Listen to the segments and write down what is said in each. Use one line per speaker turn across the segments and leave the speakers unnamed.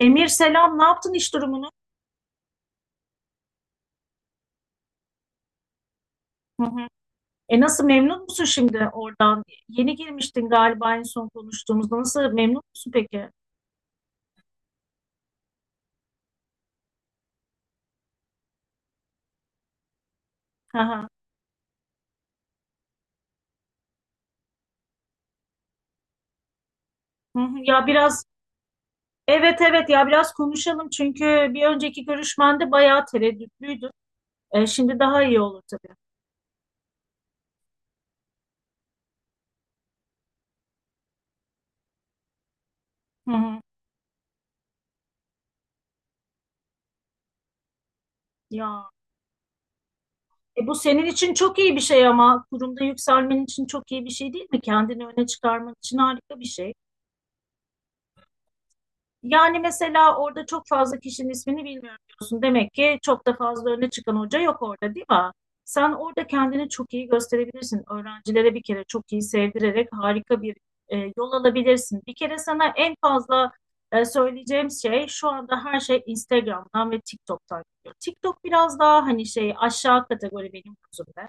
Emir selam, ne yaptın iş durumunu? Hı hı. Nasıl memnun musun şimdi oradan? Yeni girmiştin galiba en son konuştuğumuzda. Nasıl memnun musun peki? Hı hı. Hı hı. Ya biraz Evet, evet, ya biraz konuşalım çünkü bir önceki görüşmende bayağı tereddütlüydün. Şimdi daha iyi olur tabii. Hı hı. Ya bu senin için çok iyi bir şey ama kurumda yükselmen için çok iyi bir şey değil mi? Kendini öne çıkarman için harika bir şey. Yani mesela orada çok fazla kişinin ismini bilmiyorum diyorsun. Demek ki çok da fazla öne çıkan hoca yok orada değil mi? Sen orada kendini çok iyi gösterebilirsin. Öğrencilere bir kere çok iyi sevdirerek harika bir yol alabilirsin. Bir kere sana en fazla söyleyeceğim şey, şu anda her şey Instagram'dan ve TikTok'tan geliyor. TikTok biraz daha hani şey, aşağı kategori benim gözümde.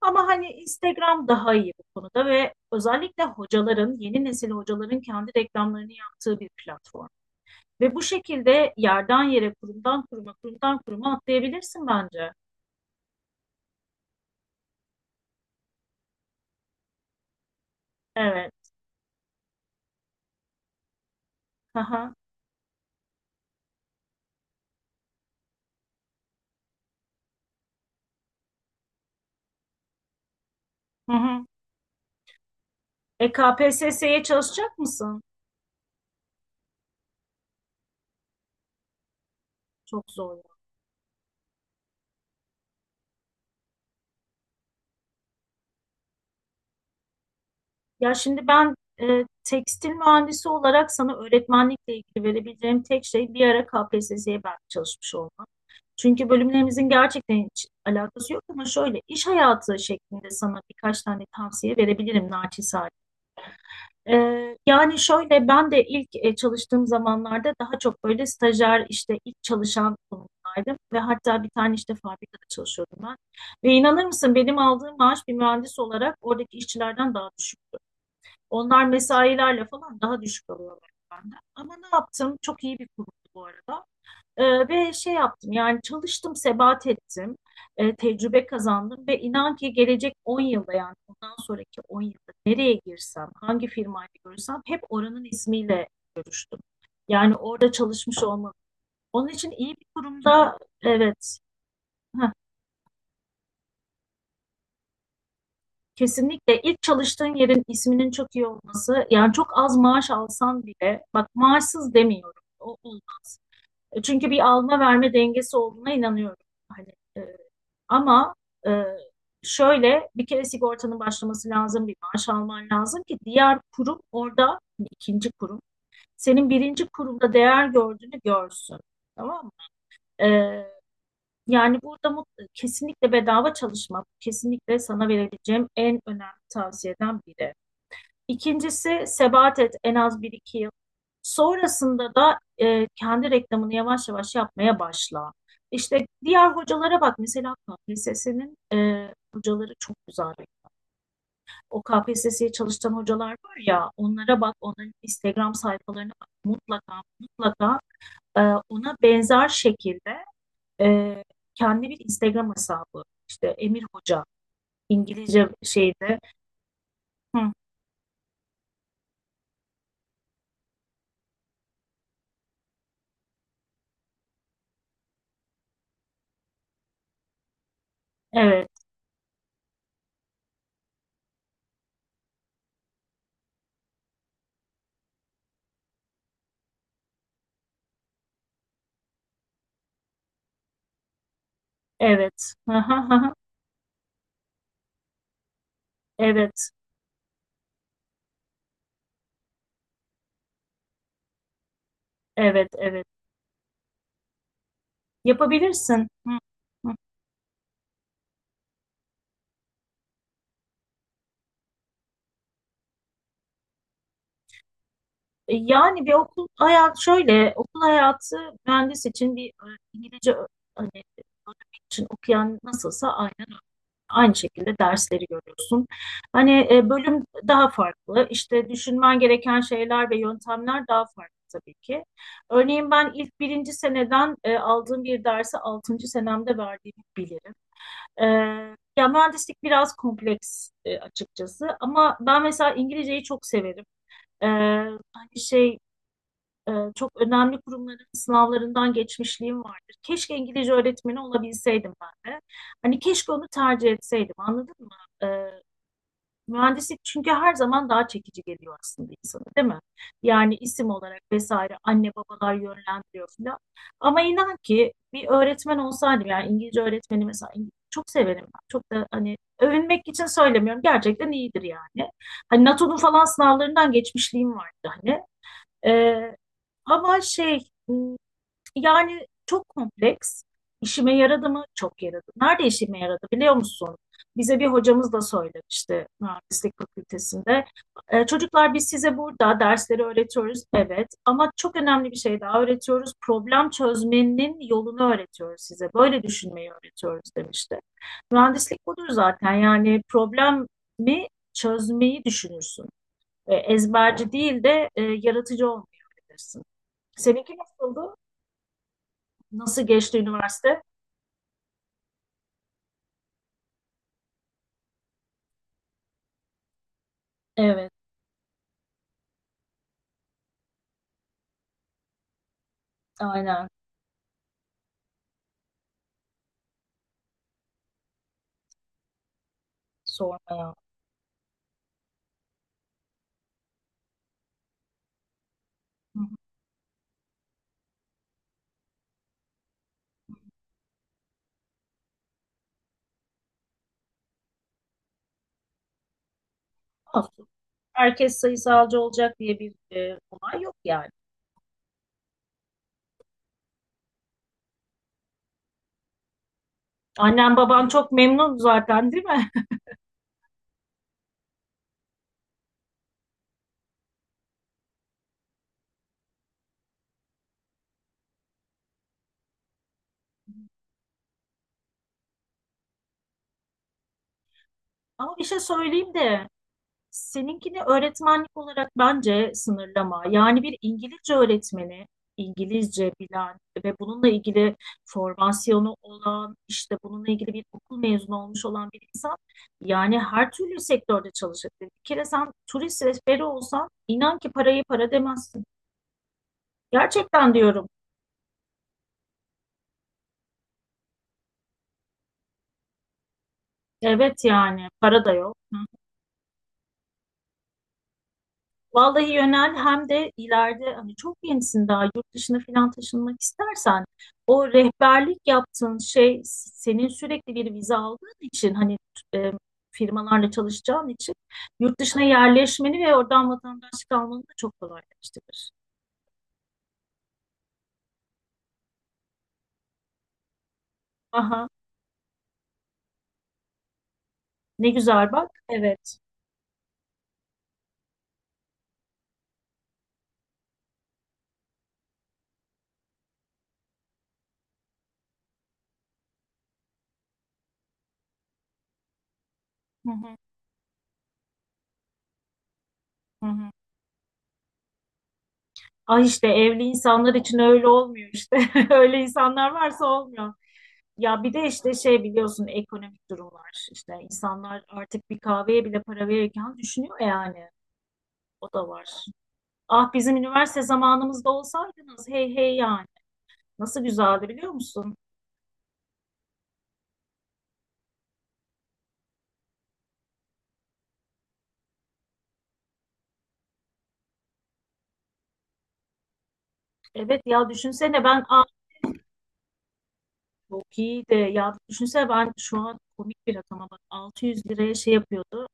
Ama hani Instagram daha iyi bu konuda ve özellikle hocaların, yeni nesil hocaların kendi reklamlarını yaptığı bir platform. Ve bu şekilde yerden yere, kurumdan kuruma, kurumdan kuruma atlayabilirsin bence. Evet. Aha. Hı hı. KPSS'ye çalışacak mısın? Çok zor. Ya şimdi ben tekstil mühendisi olarak sana öğretmenlikle ilgili verebileceğim tek şey bir ara KPSS'ye ben çalışmış olmam. Çünkü bölümlerimizin gerçekten hiç alakası yok, ama şöyle iş hayatı şeklinde sana birkaç tane tavsiye verebilirim naçizane. Yani şöyle, ben de ilk çalıştığım zamanlarda daha çok böyle stajyer, işte ilk çalışan konumdaydım ve hatta bir tane işte fabrikada çalışıyordum ben. Ve inanır mısın, benim aldığım maaş bir mühendis olarak oradaki işçilerden daha düşük. Onlar mesailerle falan daha düşük alıyorlar benden. Ama ne yaptım? Çok iyi bir kurumdu bu arada. Ve şey yaptım, yani çalıştım, sebat ettim, tecrübe kazandım ve inan ki gelecek 10 yılda, yani bundan sonraki 10 yılda, nereye girsem, hangi firmayla görüşsem hep oranın ismiyle görüştüm. Yani orada çalışmış olmalı. Onun için iyi bir kurumda, evet, heh, kesinlikle ilk çalıştığın yerin isminin çok iyi olması, yani çok az maaş alsan bile, bak, maaşsız demiyorum, o olmaz. Çünkü bir alma verme dengesi olduğuna inanıyorum. Hani e, ama e, şöyle, bir kere sigortanın başlaması lazım, bir maaş alman lazım ki diğer kurum orada, hani ikinci kurum, senin birinci kurumda değer gördüğünü görsün. Tamam mı? E, Yani burada kesinlikle bedava çalışmak, kesinlikle sana verebileceğim en önemli tavsiyeden biri. İkincisi sebat et en az bir iki yıl. Sonrasında da kendi reklamını yavaş yavaş yapmaya başla. İşte diğer hocalara bak, mesela KPSS'nin hocaları çok güzel reklam. O KPSS'ye çalışan hocalar var ya, onlara bak, onların Instagram sayfalarına bak, mutlaka mutlaka e, ona benzer şekilde e, kendi bir Instagram hesabı, İşte Emir Hoca İngilizce şeyde. Hı, evet, evet. Evet. Evet, evet. Yapabilirsin. Hı, hı. Yani bir okul hayatı şöyle, okul hayatı mühendis için bir İngilizce hani, öğrenmek için okuyan nasılsa aynen öyle. Aynı şekilde dersleri görüyorsun. Hani bölüm daha farklı. İşte düşünmen gereken şeyler ve yöntemler daha farklı tabii ki. Örneğin ben ilk birinci seneden aldığım bir dersi altıncı senemde verdiğimi bilirim. Ee, Ya mühendislik biraz kompleks açıkçası, ama ben mesela İngilizceyi çok severim. Ee, Hani şey, çok önemli kurumların sınavlarından geçmişliğim vardır. Keşke İngilizce öğretmeni olabilseydim ben de. Hani keşke onu tercih etseydim, anladın mı? Mühendislik çünkü her zaman daha çekici geliyor aslında insana, değil mi? Yani isim olarak vesaire, anne babalar yönlendiriyor falan. Ama inan ki bir öğretmen olsaydım, yani İngilizce öğretmeni mesela, İngilizce çok severim ben. Çok da hani, övünmek için söylemiyorum, gerçekten iyidir yani. Hani NATO'nun falan sınavlarından geçmişliğim vardı hani. Ee, Ama şey, hmm, yani çok kompleks. İşime yaradı mı? Çok yaradı. Nerede işime yaradı biliyor musun? Bize bir hocamız da söylemişti mühendislik fakültesinde. Çocuklar, biz size burada dersleri öğretiyoruz, evet, ama çok önemli bir şey daha öğretiyoruz. Problem çözmenin yolunu öğretiyoruz size. Böyle düşünmeyi öğretiyoruz demişti. Mühendislik budur zaten. Yani problemi çözmeyi düşünürsün. Ezberci değil de yaratıcı olmayı öğretirsin. Seninki nasıldı? Nasıl geçti üniversite? Evet, aynen. Sormaya. Hı hı. Olsun. Herkes sayısalcı olacak diye bir olay yok yani. Annen baban çok memnun zaten değil mi? Ama bir şey söyleyeyim de, seninkini öğretmenlik olarak bence sınırlama. Yani bir İngilizce öğretmeni, İngilizce bilen ve bununla ilgili formasyonu olan, işte bununla ilgili bir okul mezunu olmuş olan bir insan, yani her türlü sektörde çalışabilir. Bir kere sen turist rehberi olsan, inan ki parayı para demezsin. Gerçekten diyorum. Evet yani, para da yok. Vallahi yönel, hem de ileride, hani çok gençsin daha, yurt dışına falan taşınmak istersen, o rehberlik yaptığın şey, senin sürekli bir vize aldığın için, hani e, firmalarla çalışacağın için, yurt dışına yerleşmeni ve oradan vatandaşlık almanı da çok kolaylaştırır. Aha, ne güzel bak. Evet. Hı hı, hı hı. Ah işte, evli insanlar için öyle olmuyor işte. Öyle insanlar varsa olmuyor. Ya bir de işte şey, biliyorsun, ekonomik durumlar. İşte insanlar artık bir kahveye bile para verirken düşünüyor yani. O da var. Ah, bizim üniversite zamanımızda olsaydınız, hey hey yani. Nasıl güzeldi biliyor musun? Evet ya, düşünsene ben, ah, çok iyiydi. Ya düşünsene, ben şu an komik bir rakama bak, 600 liraya şey yapıyordu.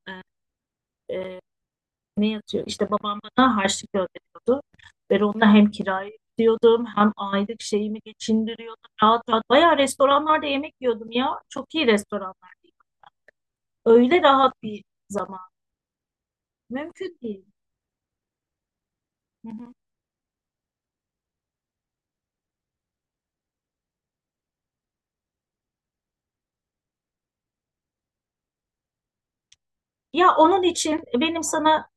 Ne yatıyor? İşte babam bana harçlık gönderiyordu. Ben onunla hem kirayı ödüyordum, hem aylık şeyimi geçindiriyordum. Rahat rahat. Bayağı restoranlarda yemek yiyordum ya. Çok iyi restoranlarda. Öyle rahat bir zaman. Mümkün değil. Hı hı. Ya onun için benim sana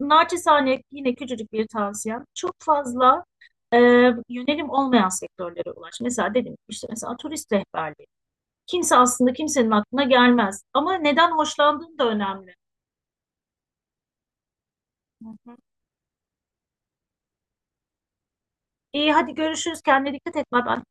naçizane yine küçücük bir tavsiyem. Çok fazla e, yönelim olmayan sektörlere ulaş. Mesela dedim ki, işte mesela turist rehberliği. Kimse aslında, kimsenin aklına gelmez. Ama neden hoşlandığın da önemli. İyi, hadi görüşürüz. Kendine dikkat et. Bay bay.